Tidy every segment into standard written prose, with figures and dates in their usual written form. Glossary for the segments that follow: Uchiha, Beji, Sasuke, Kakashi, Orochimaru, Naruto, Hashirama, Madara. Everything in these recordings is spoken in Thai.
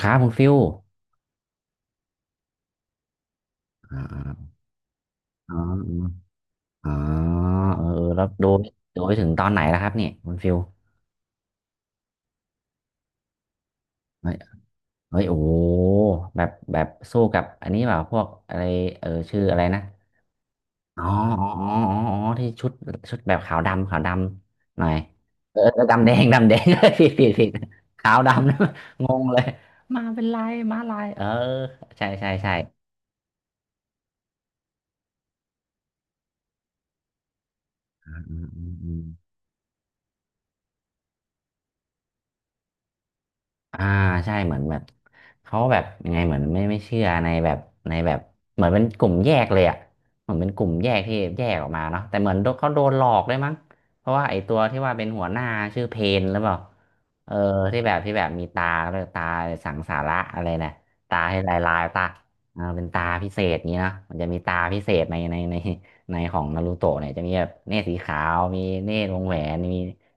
ครับคุณฟิวอ่าอ๋ออ๋อเออแล้วดูไปถึงตอนไหนแล้วครับเนี่ยคุณฟิวเฮ้ยเฮ้ยโอ้โหแบบสู้กับอันนี้เปล่าพวกอะไรเออชื่ออะไรนะอ๋ออ๋อที่ชุดแบบขาวดำ ขาวดำหน่อยเออดำแดง ดำแดง ผิดขาวดำ นะงงเลย มาเป็นลายมาลายเออใช่ใช่ใช่อือืม อ่าใช่เหมือนแบบเขาแบบยังไงเหมือนไม่เชื่อในแบบในแบบเหมือนเป็นกลุ่มแยกเลยอ่ะเหมือนเป็นกลุ่มแยกที่แยกออกมาเนาะแต่เหมือนโดนเขาโดนหลอกด้วยมั้งเพราะว่าไอ้ตัวที่ว่าเป็นหัวหน้าชื่อเพนหรือเปล่าเออที่แบบที่แบบมีตาแล้วตาสังสาระอะไรนะตาให้ลายลายตาอ่าเป็นตาพิเศษนี้เนาะมันจะมีตาพิเศษในในของนารูโตะเนี่ยจะมีแบบเนตรสีขาวมีเนตรวงแหวนมี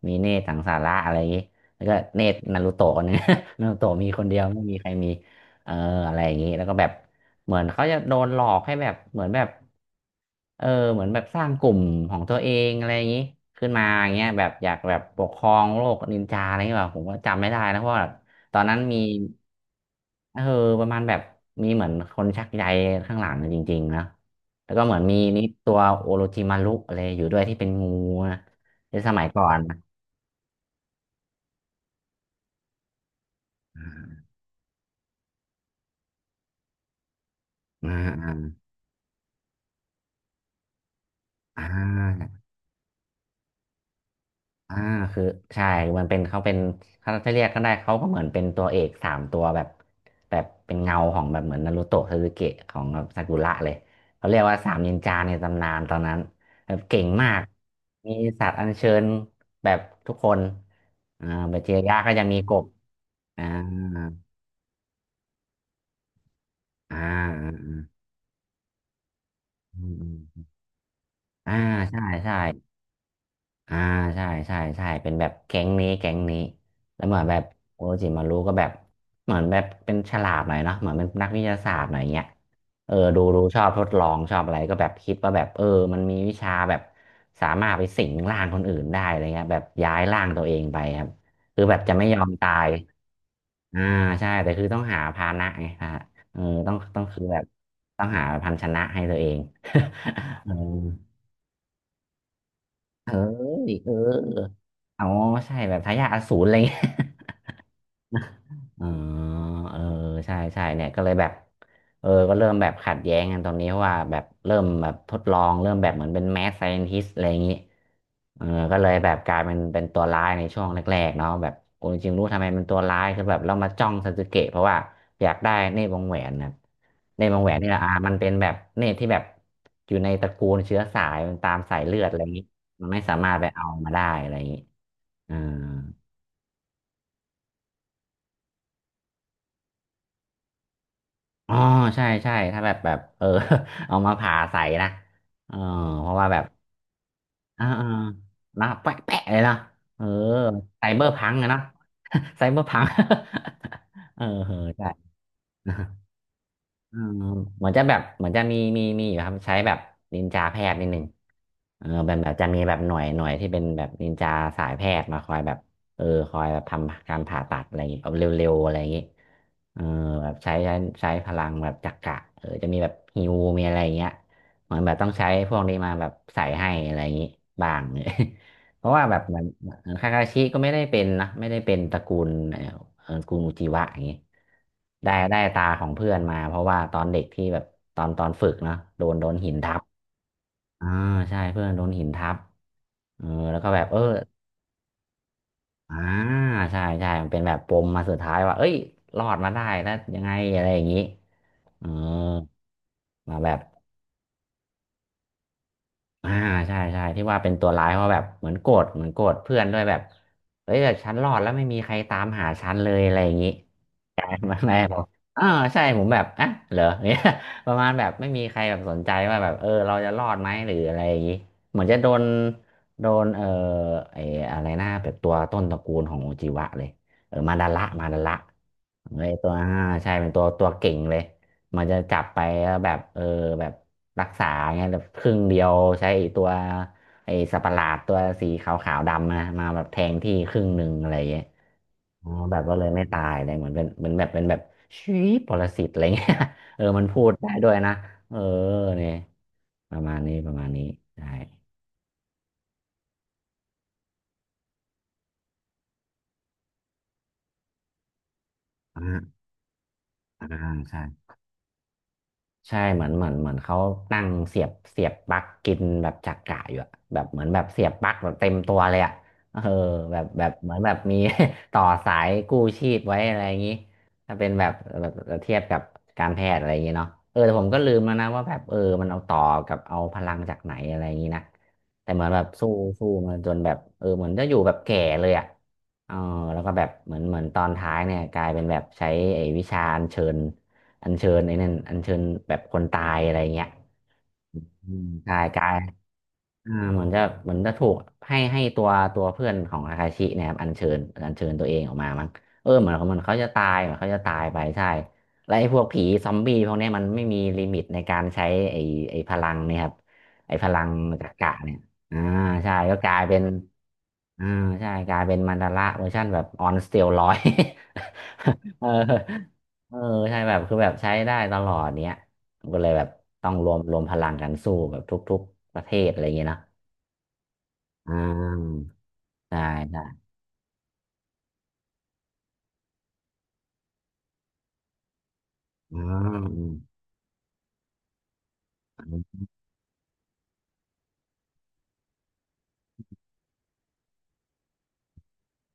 มีเนตรสังสาระอะไรอย่างงี้แล้วก็เนตรนารูโตะคนหนึง นารูโตะมีคนเดียวไม่มีใครมีเอออะไรอย่างนี้แล้วก็แบบเหมือนเขาจะโดนหลอกให้แบบเหมือนแบบเออเหมือนแบบสร้างกลุ่มของตัวเองอะไรอย่างนี้ขึ้นมาอย่างเงี้ยแบบอยากแบบปกครองโลกนินจาอะไรเงี้ยแบบผมก็จำไม่ได้นะเพราะว่าตอนนั้นมีเออประมาณแบบมีเหมือนคนชักใยข้างหลังจริงๆนะแล้วก็เหมือนมีนี่ตัวโอโรจิมารุอะไรอยู่ด้วยที่เป็นงูนะในสมัยก่อนนะอ่าอ่าอ่า อ่าคือใช่มันเป็นเขาเป็นเขาจะเรียกก็ได้เขาก็เหมือนเป็นตัวเอกสามตัวแบบแบบเป็นเงาของแบบเหมือนนารูโตะซาสึเกะของแบบซากุระเลยเขาเรียกว่าสามนินจาในตำนานตอนนั้นแบบเก่งมากมีสัตว์อัญเชิญแบบทุกคนอ่าเบจิยะก็ยังมีกบอ่าอ่าอ่าอ่าใช่ อ่าใช่เป็นแบบแก๊งนี้แก๊งนี้แล้วเหมือนแบบโอจิมารุก็แบบเหมือนแบบเป็นฉลาดหน่อยเนาะเหมือนเป็นนักวิทยาศาสตร์หน่อยเงี้ยเออดูชอบทดลองชอบอะไรก็แบบคิดว่าแบบเออมันมีวิชาแบบสามารถไปสิงร่างคนอื่นได้อะไรเงี้ยแบบย้ายร่างตัวเองไปครับคือแบบจะไม่ยอมตายอ่าใช่แต่คือต้องหาภาชนะไงฮะเออต้องคือแบบต้องหาภาชนะให้ตัวเอง เออ เอ้ยเอออ๋อใช่แบบทายาทอสูรอะไรเงี้ย อ๋อเออใช่ใช่เนี่ยก็เลยแบบเออก็เริ่มแบบขัดแย้งกันตรงนี้เพราะว่าแบบเริ่มแบบทดลองเริ่มแบบเหมือนเป็นแมสไซ i น t ิสอะไรอย่างนี้เออก็เลยแบบกลายเป็นตัวร้ายในช่วงแรกๆเนาะแบบโอ้จริงๆรู้ทำไมเป็นตัวร้ายคือแบบเรามาจ้องซาสึเกะเพราะว่าอยากได้เนตรวงแหวนนะเนตรวงแหวนนี่แหละอ่ามันเป็นแบบเนตรที่แบบอยู่ในตระกูลเชื้อสายมันตามสายเลือดอะไรอย่างนี้มันไม่สามารถไปเอามาได้อะไรอย่างนี้ อ่าอ๋อใช่ถ้าแบบเออ เอามาผ่าใส่นะเออเพราะว่าแบบอ่านะแปะเลยเนาะเออไซเบอร์พังอะเนาะ ไซเบอร์พัง เออเออใช่ เออเหมือนจะแบบเหมือนจะมีอยู่ครับใช้แบบนินจาแพทย์นิดหนึ่งเออแบบจะมีแบบหน่วยที่เป็นแบบนินจาสายแพทย์มาคอยแบบเออคอยแบบทำการผ่าตัดอะไรอย่างงี้แบบเร็วๆอะไรอย่างงี้เออแบบใช้ใช้พลังแบบจักระเออจะมีแบบฮิวมีอะไรอย่างเงี้ยเหมือนแบบต้องใช้พวกนี้มาแบบใส่ให้อะไรอย่างงี้บ้าง เพราะว่าแบบเหมือน คาคาชิก็ไม่ได้เป็นนะไม่ได้เป็นตระกูลตระกูลอุจิวะอย่างงี้ได้ตาของเพื่อนมาเพราะว่าตอนเด็กที่แบบตอนฝึกนะโดนหินทับอ่าใช่เพื่อนโดนหินทับเออแล้วก็แบบเอออ่าใช่ใช่มันเป็นแบบปมมาสุดท้ายว่าเอ้ยรอดมาได้แล้วยังไงอะไรอย่างนี้เออมาแบบ อ่าใช่ที่ว่าเป็นตัวร้ายเพราะแบบเหมือนโกรธเหมือนโกรธเพื่อนด้วยแบบเฮ้ยแต่ฉันรอดแล้วไม่มีใครตามหาฉันเลยอะไรอย่างนี้กลายมาแม่บอกอ่าใช่ผมแบบอ่ะเหรอ เนี่ย ประมาณแบบไม่มีใครแบบสนใจว่าแบบเราจะรอดไหมหรืออะไรอย่างนี้เหมือนจะโดนโดนไอ้อะไรนะแบบตัวต้นตระกูลของโอจิวะเลยเออมาดาระมาดาระไอตัวใช่เป็นตัวเก่งเลย มันจะจับไปแล้วแบบเออแบบรักษาเงี้ยแบบครึ่งเดียวใช้ไอ้ตัวไอ้สัตว์ประหลาดตัวสีขาวขาวดำนะมาแบบแทงที่ครึ่งหนึ่งอะไรเงี้ยอ๋อแบบก็เลยไม่ตายเลยเหมือนเป็นเหมือนแบบเป็นแบบชีปรสิตอะไรเงี้ย เออมันพูดได้ด้วยนะเออเนี่ยประมาณนี้ประมาณนี้ใช่อ่าอ่าใช่ ใช่เหมือนเหมือนเหมือนเขาตั้งเสียบปลั๊กกินแบบจักระอยู่อะแบบเหมือนแบบเสียบปลั๊กแบบเต็มตัวเลยอะเออแบบแบบเหมือนแบบมี ต่อสายกู้ชีพไว้อะไรอย่างงี้ถ้าเป็นแบบแบบเทียบกับการแพทย์อะไรอย่างงี้เนาะเออแต่ผมก็ลืมแล้วนะว่าแบบเออมันเอาต่อกับเอาพลังจากไหนอะไรอย่างงี้นะแต่เหมือนแบบสู้มาจนแบบเออเหมือนจะอยู่แบบแก่เลยอะเออแล้วก็แบบเหมือนเหมือนตอนท้ายเนี่ยกลายเป็นแบบใช้ไอ้วิชาอัญเชิญ อัญเชิญไอ้นั่นอัญเชิญแบบคนตายอะไรเงี้ยอืมใช่กายเหมือนจะเหมือนจะถูกให้ตัวเพื่อนของอาคาชิเนี่ยครับอัญเชิญอัญเชิญตัวเองออกมามั้งเออเหมือนเหมันเขาจะตายเหมือนเขาจะตายไปใช่และไอ้พวกผีซอมบี้พวกเนี้ยมันไม่มีลิมิตในการใช้ไอ้ไอ้พลังเนี่ยครับไอ้พลังจักระเนี่ยอ่าใช่ก็กลายเป็น อ่าใช่กลายเป็นมันดาระเวอร์ชันแบบออนสเตียรอย เออเออใช่แบบคือแบบใช้ได้ตลอดเนี้ยก็เลยแบบต้องรวมพลังกันสู้แบบทุกๆประเทศอะไรอย่างเงี้ยเนาะอ่าใช่ใช่อ่า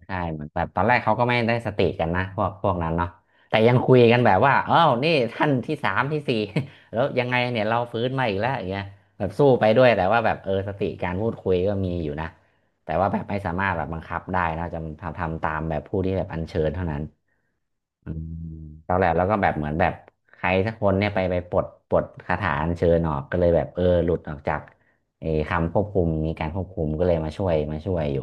ใช่เหมือนแบบตอนแรกเขาก็ไม่ได้สติกันนะพวกพวกนั้นเนาะแต่ยังคุยกันแบบว่าอ้าวนี่ท่านที่สามที่สี่ แล้วยังไงเนี่ยเราฟื้นมาอีกแล้วอย่างเงี้ยแบบสู้ไปด้วยแต่ว่าแบบเออสติการพูดคุยก็มีอยู่นะแต่ว่าแบบไม่สามารถแบบบังคับได้นะจะทำตามแบบผู้ที่แบบอัญเชิญเท่านั้น อืมตอนแรกแล้วก็แบบเหมือนแบบใครสักคนเนี่ยไปปลดคาถาอัญเชิญออกก็เลยแบบเออหลุดออกจากไอ้คำควบคุมมีการควบคุมก็เลยมาช่วยอยู่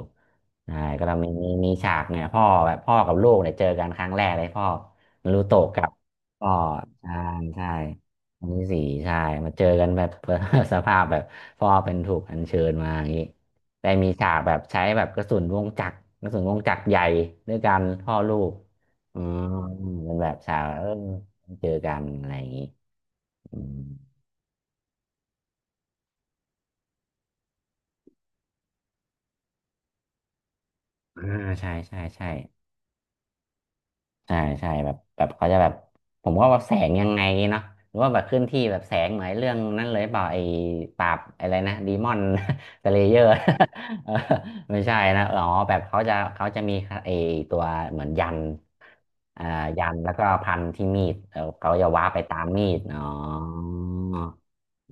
ใช่ก็เรามีฉากเนี่ยพ่อแบบพ่อกับลูกเนี่ยเจอกันครั้งแรกเลยพ่อนารูโตะกับพ่อใช่ใช่อันที่สี่ใช่มาเจอกันแบบ สภาพแบบพ่อเป็นถูกอัญเชิญมาอย่างนี้ได้มีฉากแบบใช้แบบกระสุนวงจักรใหญ่ด้วยกันพ่อลูก อืมเป็นแบบสาวเออเจอกันอะไรอย่างนี้อืมอ่าใช่ใช่ใช่ใช่ใช่แบบแบบเขาจะแบบผมว่าแบบแสงยังไงเนาะหรือว่าแบบเคลื่อนที่แบบแสงเหมือนเรื่องนั้นเลยเปล่าไอ้ปราบอะไรนะดีมอน สเลเยอร์ เออไม่ใช่นะอ๋อแบบเขาจะมีไอ้ตัวเหมือนยันอ่ายันแล้วก็พันที่มีดเออเขาจะว้าร์ปไปตามมีดอ๋อ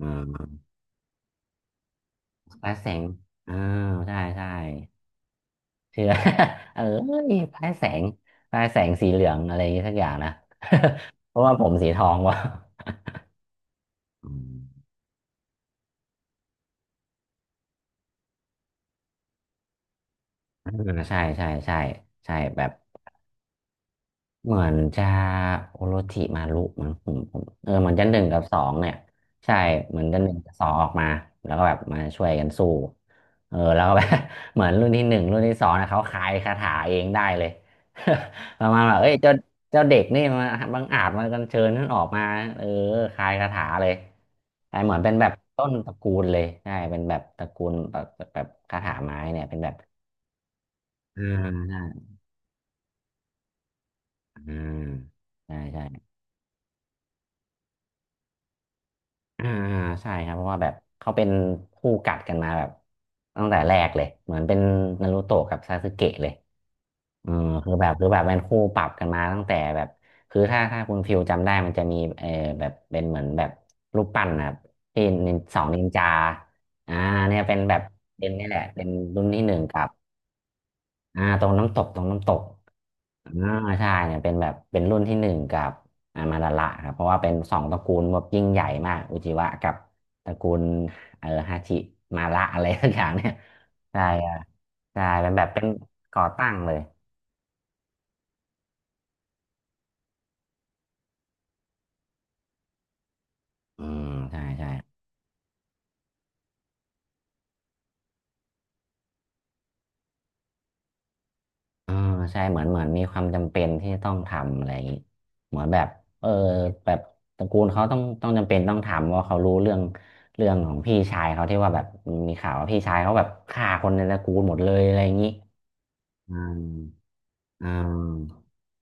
อืมและแสงอ่าใช่ใช่ เชื่อ เออพลายแสงพลายแสงสีเหลืองอะไรอย่างงี้สักอย่างนะ เพราะว่าผมสีทองวะอืมเออใช่ใช่ ใช่ ใช่ แบบ เหมือนจะโอโรจิมารุมั้งผมเออเหมือนจะหนึ่งกับสองเนี่ยใช่เหมือนจะหนึ่งกับสองออกมาแล้วก็แบบมาช่วยกันสู้เออแล้วก็แบบ เหมือนรุ่นที่หนึ่งรุ่นที่สองนะเขาคายคาถาเองได้เลย ประมาณแบบเอ้ยเจ้าเด็กนี่มาบังอาจมากันเชิญท่านออกมาเออคายคาถาเลยแต่เหมือนเป็นแบบต้นตระกูลเลยใช่เป็นแบบตระกูลแบบแบบคาถาไม้เนี่ยเป็นแบบอ่าใช่อ่าใช่ใช่ อ่าอ่าใช่ครับเพราะว่าแบบเขาเป็นคู่กัดกันมาแบบตั้งแต่แรกเลยเหมือนเป็นนารูโตะกับซาสึเกะเลยเออคือแบบคือแบบเป็นคู่ปรับกันมาตั้งแต่แบบคือถ้าคุณฟิวจำได้มันจะมีเออแบบเป็นเหมือนแบบรูปปั้นนะครับที่นินสองนินจาอ่าเนี่ยเป็นแบบเป็นนี่แหละเป็นรุ่นที่หนึ่งกับ อ่าตรงน้ำตกอ่าใช่เนี่ยเป็นแบบเป็นรุ่นที่หนึ่งกับอ่ามาดาระครับเพราะว่าเป็นสองตระกูลแบบยิ่งใหญ่มากอุจิวะกับตระกูลเออฮาชิมาระอะไรสักอย่างเนี่ยใช่อ่ะใช่เป็นแบบเป็นก่อตั้งเลยอืมใช่ใช่ อ่าใช่เหมือนเหมือนมีความจำเป็นที่ต้องทำอะไรอย่างนี้เหมือนแบบเออแบบตระกูลเขาต้องจำเป็นต้องทำเพราะเขารู้เรื่องของพี่ชายเขาที่ว่าแบบมีข่าวว่าพี่ชายเขาแบบฆ่าคนในตระกูลหมดเลยอะไรอย่างนี้อืมอืม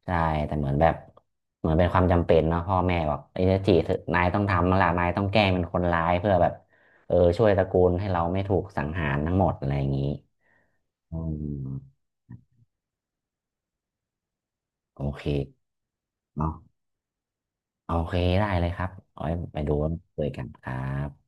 ใช่แต่เหมือนแบบเหมือนเป็นความจำเป็นเนาะพ่อแม่บอกไอ้เจะจีเถอะนายต้องทำแล้วล่ะนายต้องแกล้งเป็นคนร้ายเพื่อแบบเออช่วยตระกูลให้เราไม่ถูกสังหารทั้งหมดอะไรอย่างนี้อืมโอเคเนาะ โอเคได้เลยครับเอาไว้ไปดูเจอกันครับ